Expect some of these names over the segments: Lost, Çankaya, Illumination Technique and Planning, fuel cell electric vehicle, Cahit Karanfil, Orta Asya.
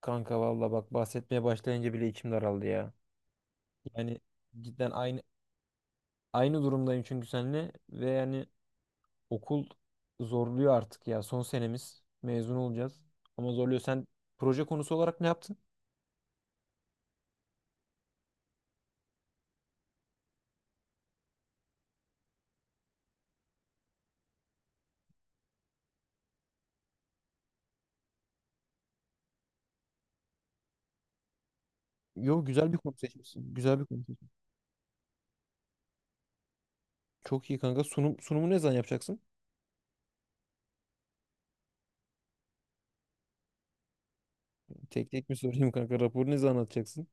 Kanka valla bak bahsetmeye başlayınca bile içim daraldı ya. Yani cidden aynı durumdayım çünkü seninle ve yani okul zorluyor artık ya. Son senemiz mezun olacağız ama zorluyor. Sen proje konusu olarak ne yaptın? Yo, güzel bir konu seçmişsin. Güzel bir konu seçmişsin. Çok iyi kanka. Sunumu ne zaman yapacaksın? Tek tek mi sorayım kanka? Raporu ne zaman atacaksın?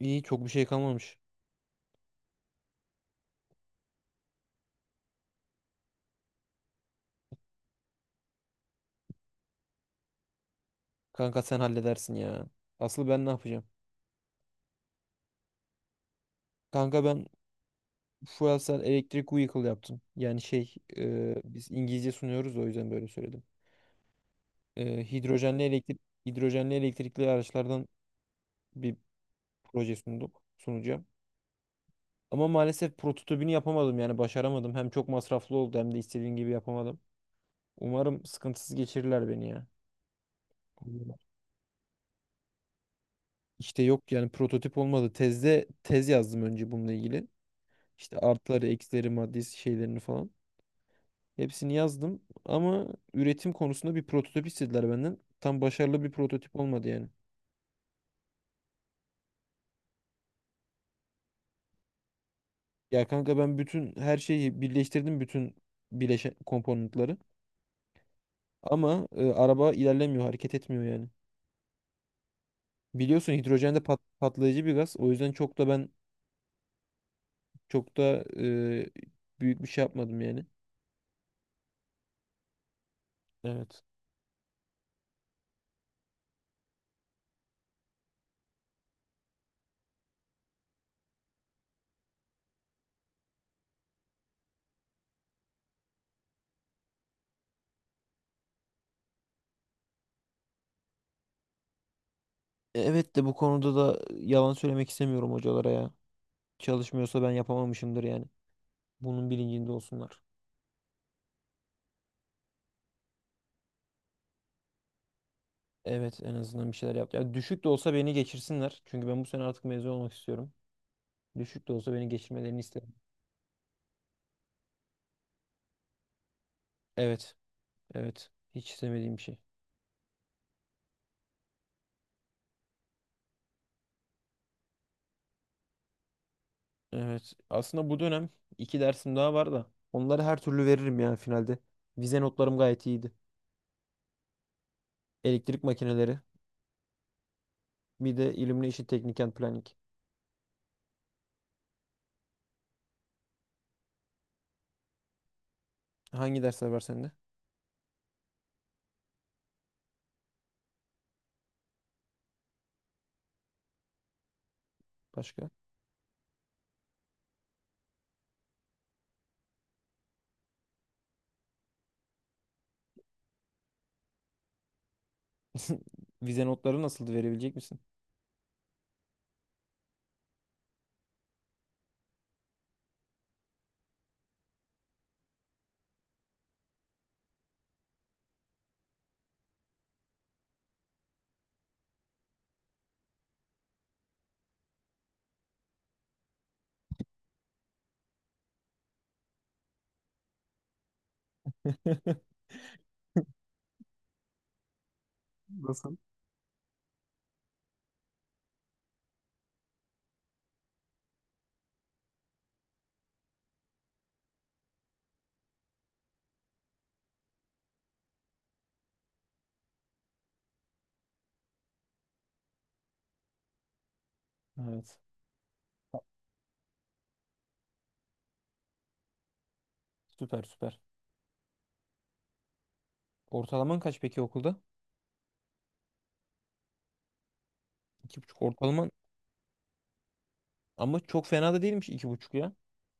İyi, çok bir şey kalmamış. Kanka sen halledersin ya. Asıl ben ne yapacağım? Kanka ben fuel cell electric vehicle yaptım. Yani şey biz İngilizce sunuyoruz da o yüzden böyle söyledim. Hidrojenli hidrojenli elektrikli araçlardan bir proje sunacağım. Ama maalesef prototipini yapamadım yani başaramadım. Hem çok masraflı oldu hem de istediğim gibi yapamadım. Umarım sıkıntısız geçirirler beni ya. Anladım. İşte yok yani prototip olmadı. Tez yazdım önce bununla ilgili. İşte artıları, eksileri, maddi şeylerini falan. Hepsini yazdım ama üretim konusunda bir prototip istediler benden. Tam başarılı bir prototip olmadı yani. Ya kanka ben bütün her şeyi birleştirdim, bütün bileşen komponentleri. Ama araba ilerlemiyor, hareket etmiyor yani. Biliyorsun hidrojen de patlayıcı bir gaz. O yüzden çok da büyük bir şey yapmadım yani. Evet. Evet de bu konuda da yalan söylemek istemiyorum hocalara ya. Çalışmıyorsa ben yapamamışımdır yani. Bunun bilincinde olsunlar. Evet, en azından bir şeyler yaptı. Ya düşük de olsa beni geçirsinler. Çünkü ben bu sene artık mezun olmak istiyorum. Düşük de olsa beni geçirmelerini isterim. Evet. Evet. Hiç istemediğim bir şey. Evet. Aslında bu dönem iki dersim daha var da. Onları her türlü veririm ya finalde. Vize notlarım gayet iyiydi. Elektrik makineleri. Bir de Illumination Technique and Planning. Hangi dersler var sende? Başka? Vize notları nasıldı? Verebilecek misin? Nasıl? Evet. Süper süper. Ortalaman kaç peki okulda? 2,5 ortalaman? Ama çok fena da değilmiş 2,5 ya.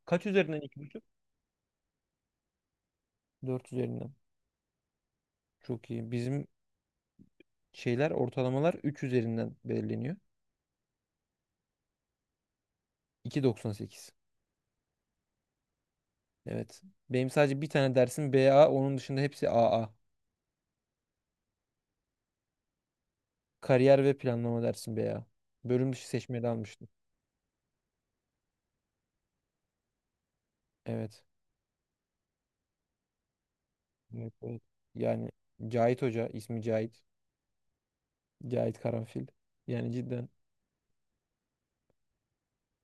Kaç üzerinden 2,5? Dört üzerinden. Çok iyi. Bizim şeyler ortalamalar 3 üzerinden belirleniyor, 2,98. Evet. Benim sadece bir tane dersim BA. Onun dışında hepsi AA. Kariyer ve planlama dersim BA. Bölüm dışı seçmeli almıştım. Evet. Evet, evet. Yani Cahit Hoca, ismi Cahit. Cahit Karanfil. Yani cidden.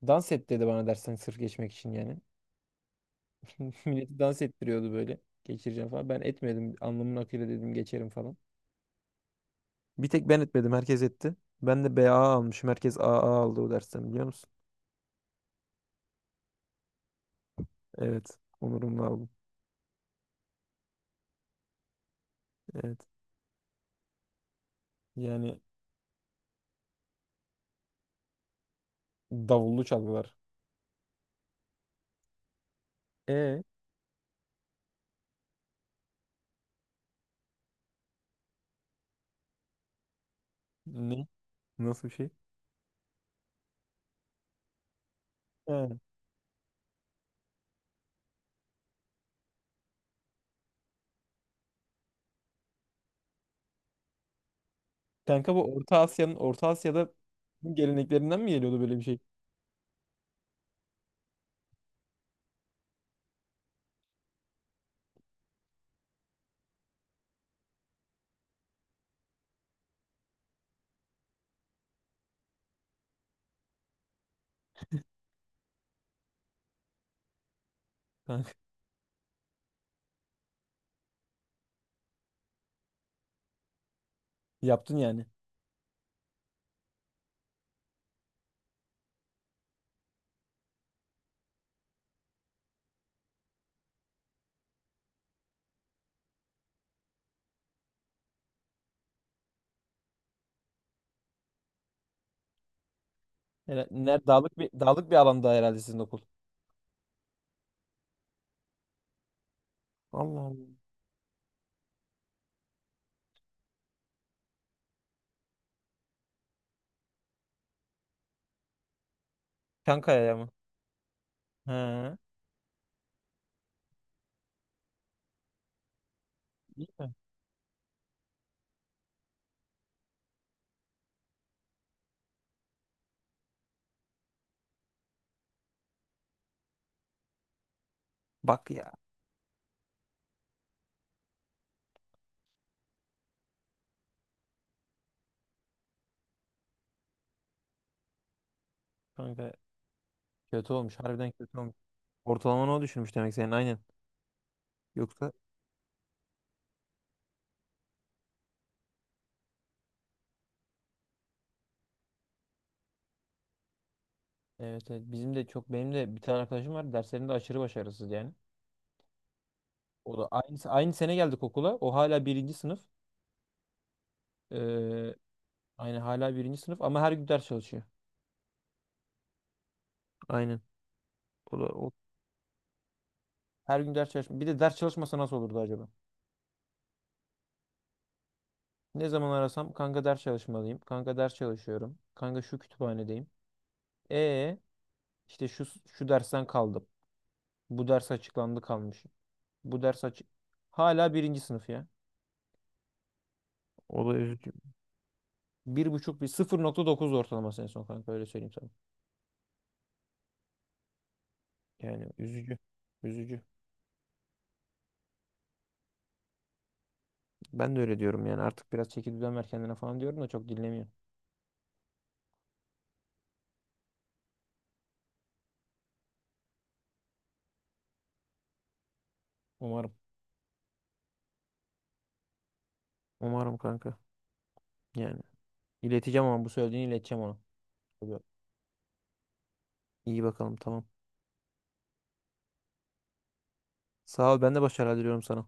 Dans et dedi bana dersten sırf geçmek için yani. Milleti dans ettiriyordu böyle. Geçireceğim falan. Ben etmedim. Alnımın akıyla dedim geçerim falan. Bir tek ben etmedim. Herkes etti. Ben de BA almışım. Herkes AA aldı o dersten, biliyor musun? Evet. Onurumla aldım. Evet. Yani davullu çalgılar. E Ne? Nasıl bir şey? Ha. Kanka bu Orta Asya'da geleneklerinden mi geliyordu böyle bir şey? Kanka yaptın yani. Hele- Ner dağlık bir Dağlık bir alanda herhalde sizin okul. Allah Allah. Çankaya'ya mı? Ha. İyi mi? Bak ya. Kanka. Kötü olmuş. Harbiden kötü olmuş. Ortalamanı o düşürmüş demek senin, aynen. Yoksa evet, evet, bizim de çok benim de bir tane arkadaşım var, derslerinde aşırı başarısız yani. O da aynı sene geldik okula. O hala birinci sınıf. Ee, aynı hala birinci sınıf ama her gün ders çalışıyor. Aynen. O da o. Her gün ders çalışma. Bir de ders çalışmasa nasıl olurdu acaba? Ne zaman arasam kanka ders çalışmalıyım. Kanka ders çalışıyorum. Kanka şu kütüphanedeyim. E, işte şu dersten kaldım. Bu ders açıklandı, kalmış. Bu ders açık. Hala birinci sınıf ya. O da üzücü. 1,5, bir 0,9 ortalaması en son kanka, öyle söyleyeyim sana. Yani üzücü. Üzücü. Ben de öyle diyorum yani artık biraz çeki düzen ver kendine falan diyorum da çok dinlemiyor. Umarım. Umarım kanka. Yani ileteceğim ama bu söylediğini ileteceğim ona. Tabii. İyi bakalım, tamam. Sağ ol, ben de başarılar diliyorum sana.